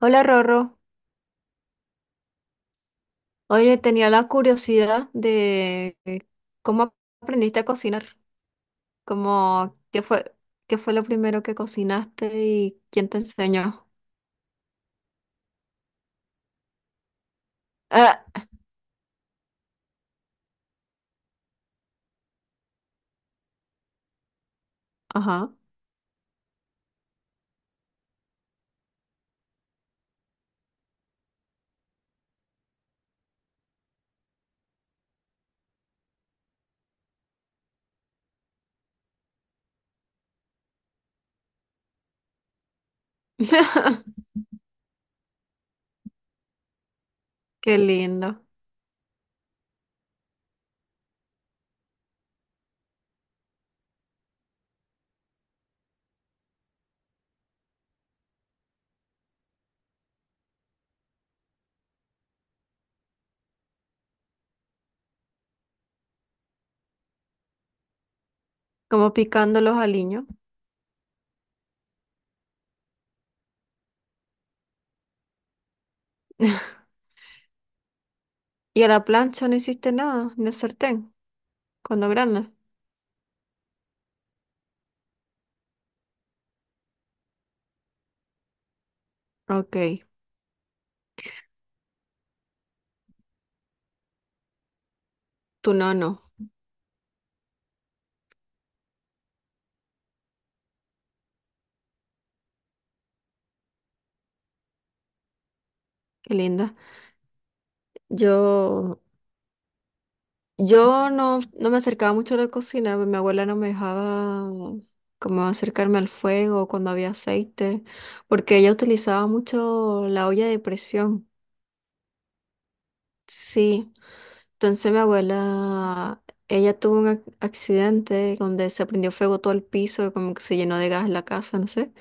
Hola Rorro, oye, tenía la curiosidad de cómo aprendiste a cocinar, como qué fue lo primero que cocinaste y quién te enseñó. Ah, ajá, qué lindo, como picando los aliños. Y a la plancha no hiciste nada, ni el sartén, cuando grande. Ok, tú no, no, qué linda. Yo Yo no me acercaba mucho a la cocina, mi abuela no me dejaba como acercarme al fuego cuando había aceite, porque ella utilizaba mucho la olla de presión. Sí, entonces mi abuela, ella tuvo un accidente donde se prendió fuego todo el piso, como que se llenó de gas la casa, no sé,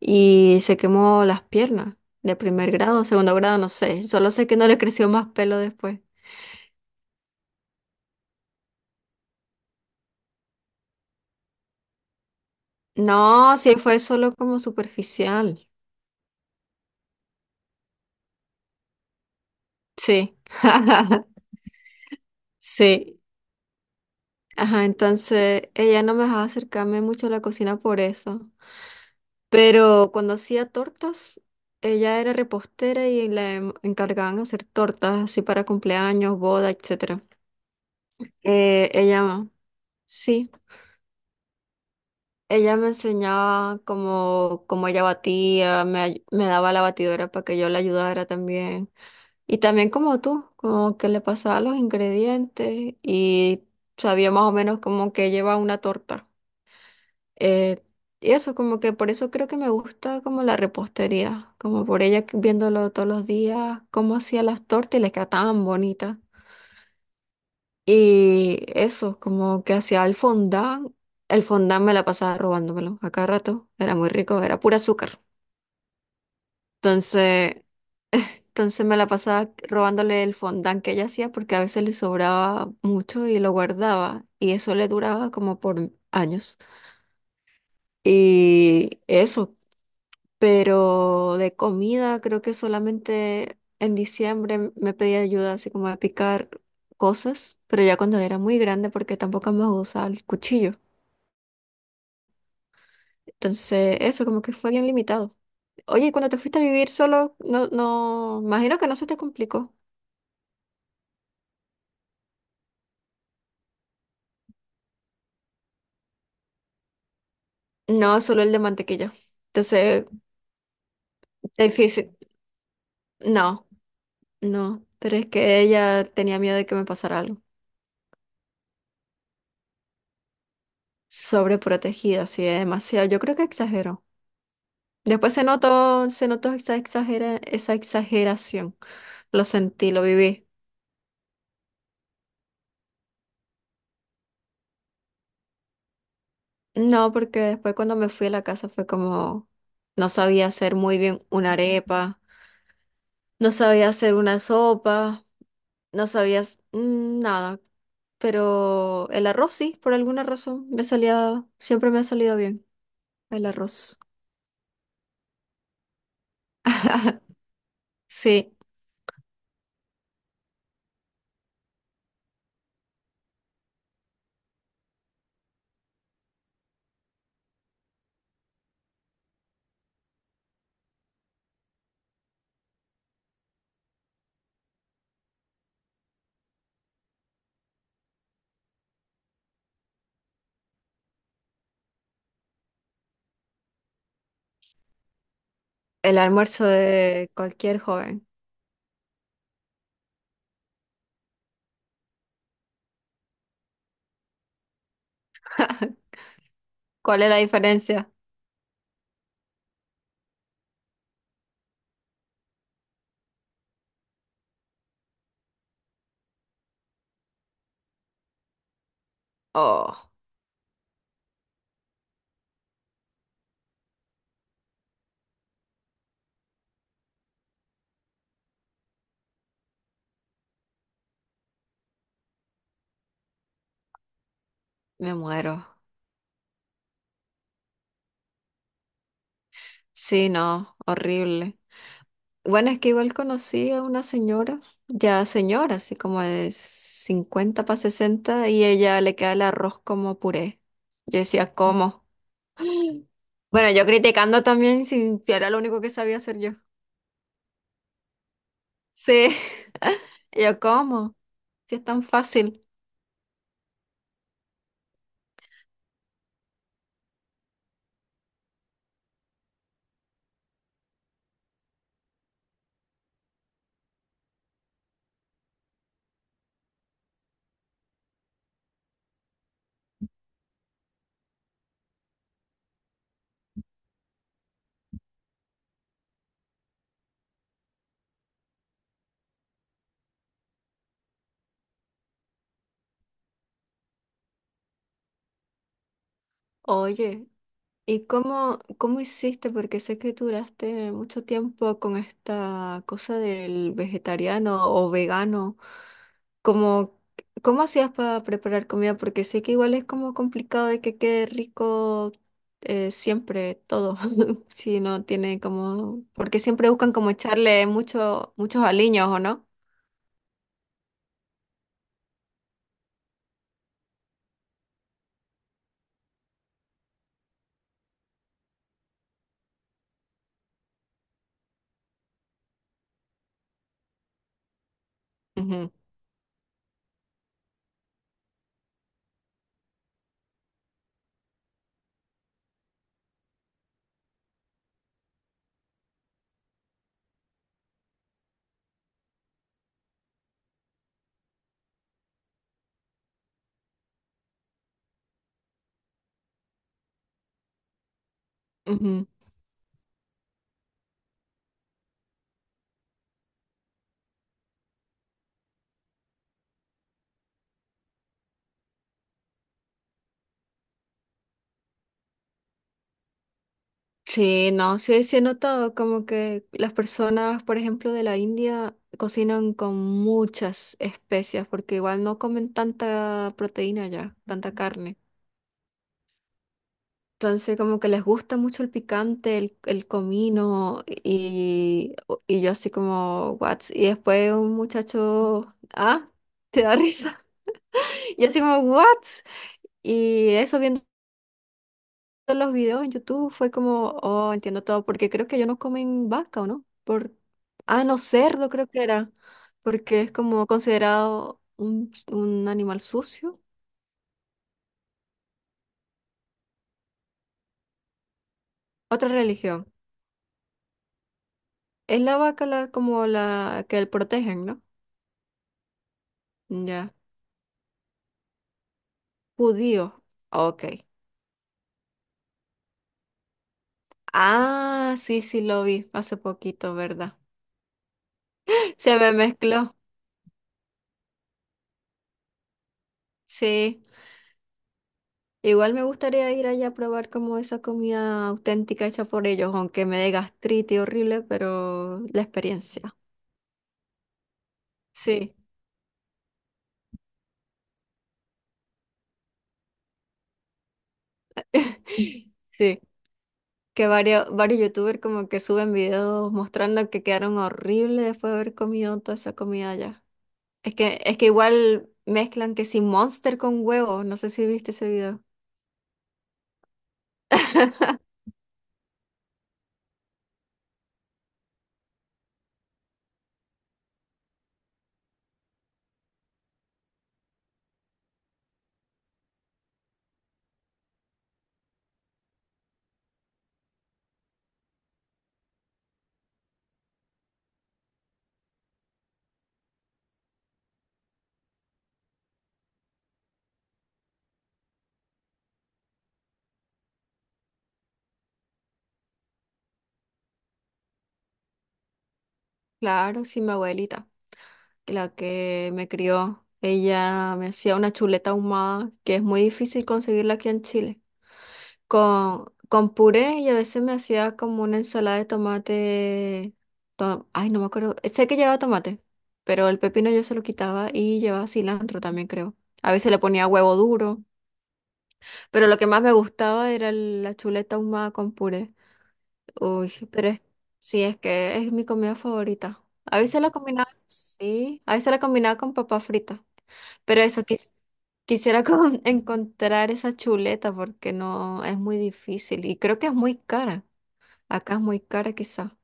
y se quemó las piernas de primer grado, segundo grado, no sé, solo sé que no le creció más pelo después. No, sí fue solo como superficial. Sí, sí. Ajá, entonces ella no me dejaba acercarme mucho a la cocina por eso. Pero cuando hacía tortas, ella era repostera y le encargaban hacer tortas así para cumpleaños, boda, etcétera. Ella, sí, ella me enseñaba cómo ella batía, me daba la batidora para que yo la ayudara también. Y también como tú, como que le pasaba los ingredientes y sabía más o menos como que lleva una torta. Eh, y eso, como que por eso creo que me gusta como la repostería, como por ella viéndolo todos los días, cómo hacía las tortas y les quedaba tan bonita. Y eso, como que hacía el fondant me la pasaba robándomelo a cada rato, era muy rico, era pura azúcar. Entonces, Entonces me la pasaba robándole el fondant que ella hacía porque a veces le sobraba mucho y lo guardaba y eso le duraba como por años. Y eso, pero de comida creo que solamente en diciembre me pedía ayuda así como a picar cosas, pero ya cuando era muy grande porque tampoco me usaba el cuchillo. Entonces eso como que fue bien limitado. Oye, ¿y cuando te fuiste a vivir solo, no, no, imagino que no se te complicó? No, solo el de mantequilla. Entonces, difícil. No, no. Pero es que ella tenía miedo de que me pasara algo. Sobreprotegida, sí, demasiado. Yo creo que exageró. Después se notó esa esa exageración. Lo sentí, lo viví. No, porque después cuando me fui a la casa fue como no sabía hacer muy bien una arepa, no sabía hacer una sopa, no sabía nada. Pero el arroz sí, por alguna razón me salía, siempre me ha salido bien el arroz. Sí. El almuerzo de cualquier joven. ¿Cuál es la diferencia? Oh, me muero. Sí, no, horrible. Bueno, es que igual conocí a una señora, ya señora, así como de 50 para 60 y ella le queda el arroz como puré. Yo decía, ¿cómo? Bueno, yo criticando también si era lo único que sabía hacer yo. Sí, yo, ¿cómo? Si es tan fácil. Oye, ¿y cómo hiciste? Porque sé que duraste mucho tiempo con esta cosa del vegetariano o vegano. ¿Cómo, cómo hacías para preparar comida? Porque sé que igual es como complicado de que quede rico siempre todo. Si no tiene como... Porque siempre buscan como echarle mucho, muchos aliños, ¿o no? Ujú, ujú. Sí, no, sí, sí he notado como que las personas, por ejemplo, de la India cocinan con muchas especias porque igual no comen tanta proteína ya, tanta carne. Entonces como que les gusta mucho el picante, el comino y, yo así como, what? Y después un muchacho, ah, te da risa. Yo así como, what? Y eso viendo los videos en YouTube fue como, oh, entiendo todo, porque creo que ellos no comen vaca, ¿o no? Por, ah, no, cerdo creo que era, porque es como considerado un animal sucio. Otra religión. Es la vaca la, como la que protegen, ¿no? Ya. Judío. Ok. Ah, sí, sí, lo vi hace poquito, ¿verdad? Se me mezcló. Sí. Igual me gustaría ir allá a probar como esa comida auténtica hecha por ellos, aunque me dé gastritis horrible, pero la experiencia. Sí, sí. Que varios, varios youtubers como que suben videos mostrando que quedaron horribles después de haber comido toda esa comida allá. Es que igual mezclan que si Monster con huevo, no sé si viste ese video. Claro, sí, mi abuelita, la que me crió, ella me hacía una chuleta ahumada, que es muy difícil conseguirla aquí en Chile, con puré y a veces me hacía como una ensalada de tomate. Ay, no me acuerdo. Sé que llevaba tomate, pero el pepino yo se lo quitaba y llevaba cilantro también, creo. A veces le ponía huevo duro, pero lo que más me gustaba era la chuleta ahumada con puré. Uy, pero es, sí, es que es mi comida favorita. A veces la combinaba, sí, a veces la combinaba con papa frita, pero eso quisiera como encontrar esa chuleta porque no es muy difícil y creo que es muy cara. Acá es muy cara quizá,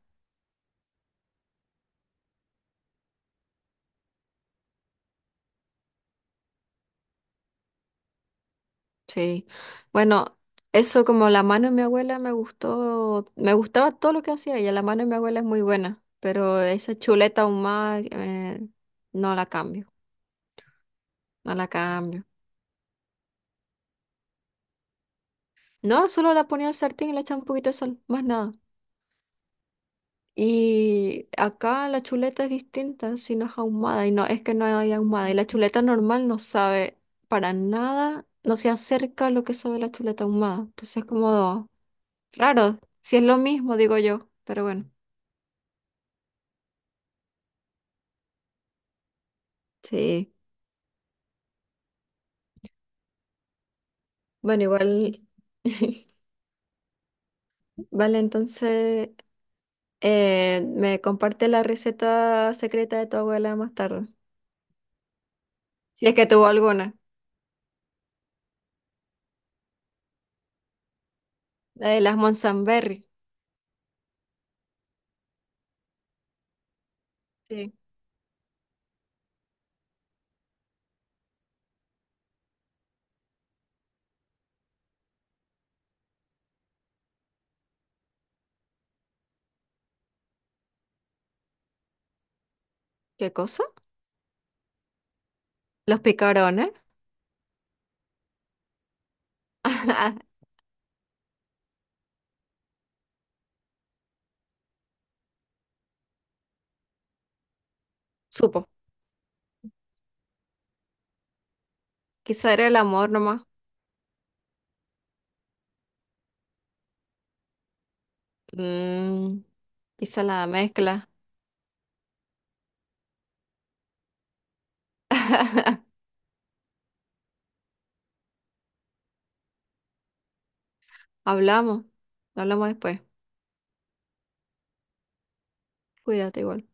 sí. Bueno, eso como la mano de mi abuela me gustó, me gustaba todo lo que hacía ella, la mano de mi abuela es muy buena, pero esa chuleta ahumada no la cambio, no la cambio. No, solo la ponía al sartén y le echaba un poquito de sal, más nada. Y acá la chuleta es distinta, si no es ahumada, y no, es que no hay ahumada. Y la chuleta normal no sabe para nada, no se acerca a lo que sabe la chuleta ahumada. Entonces es como raro, si es lo mismo, digo yo, pero bueno. Sí. Bueno, igual, vale, entonces me comparte la receta secreta de tu abuela más tarde. Si es que tuvo alguna. La de las Monsanberry. Sí. ¿Qué cosa? Los picarones. Ah, supo. Quizá era el amor nomás. Mm, quizá la mezcla. Hablamos. Hablamos después. Cuídate igual.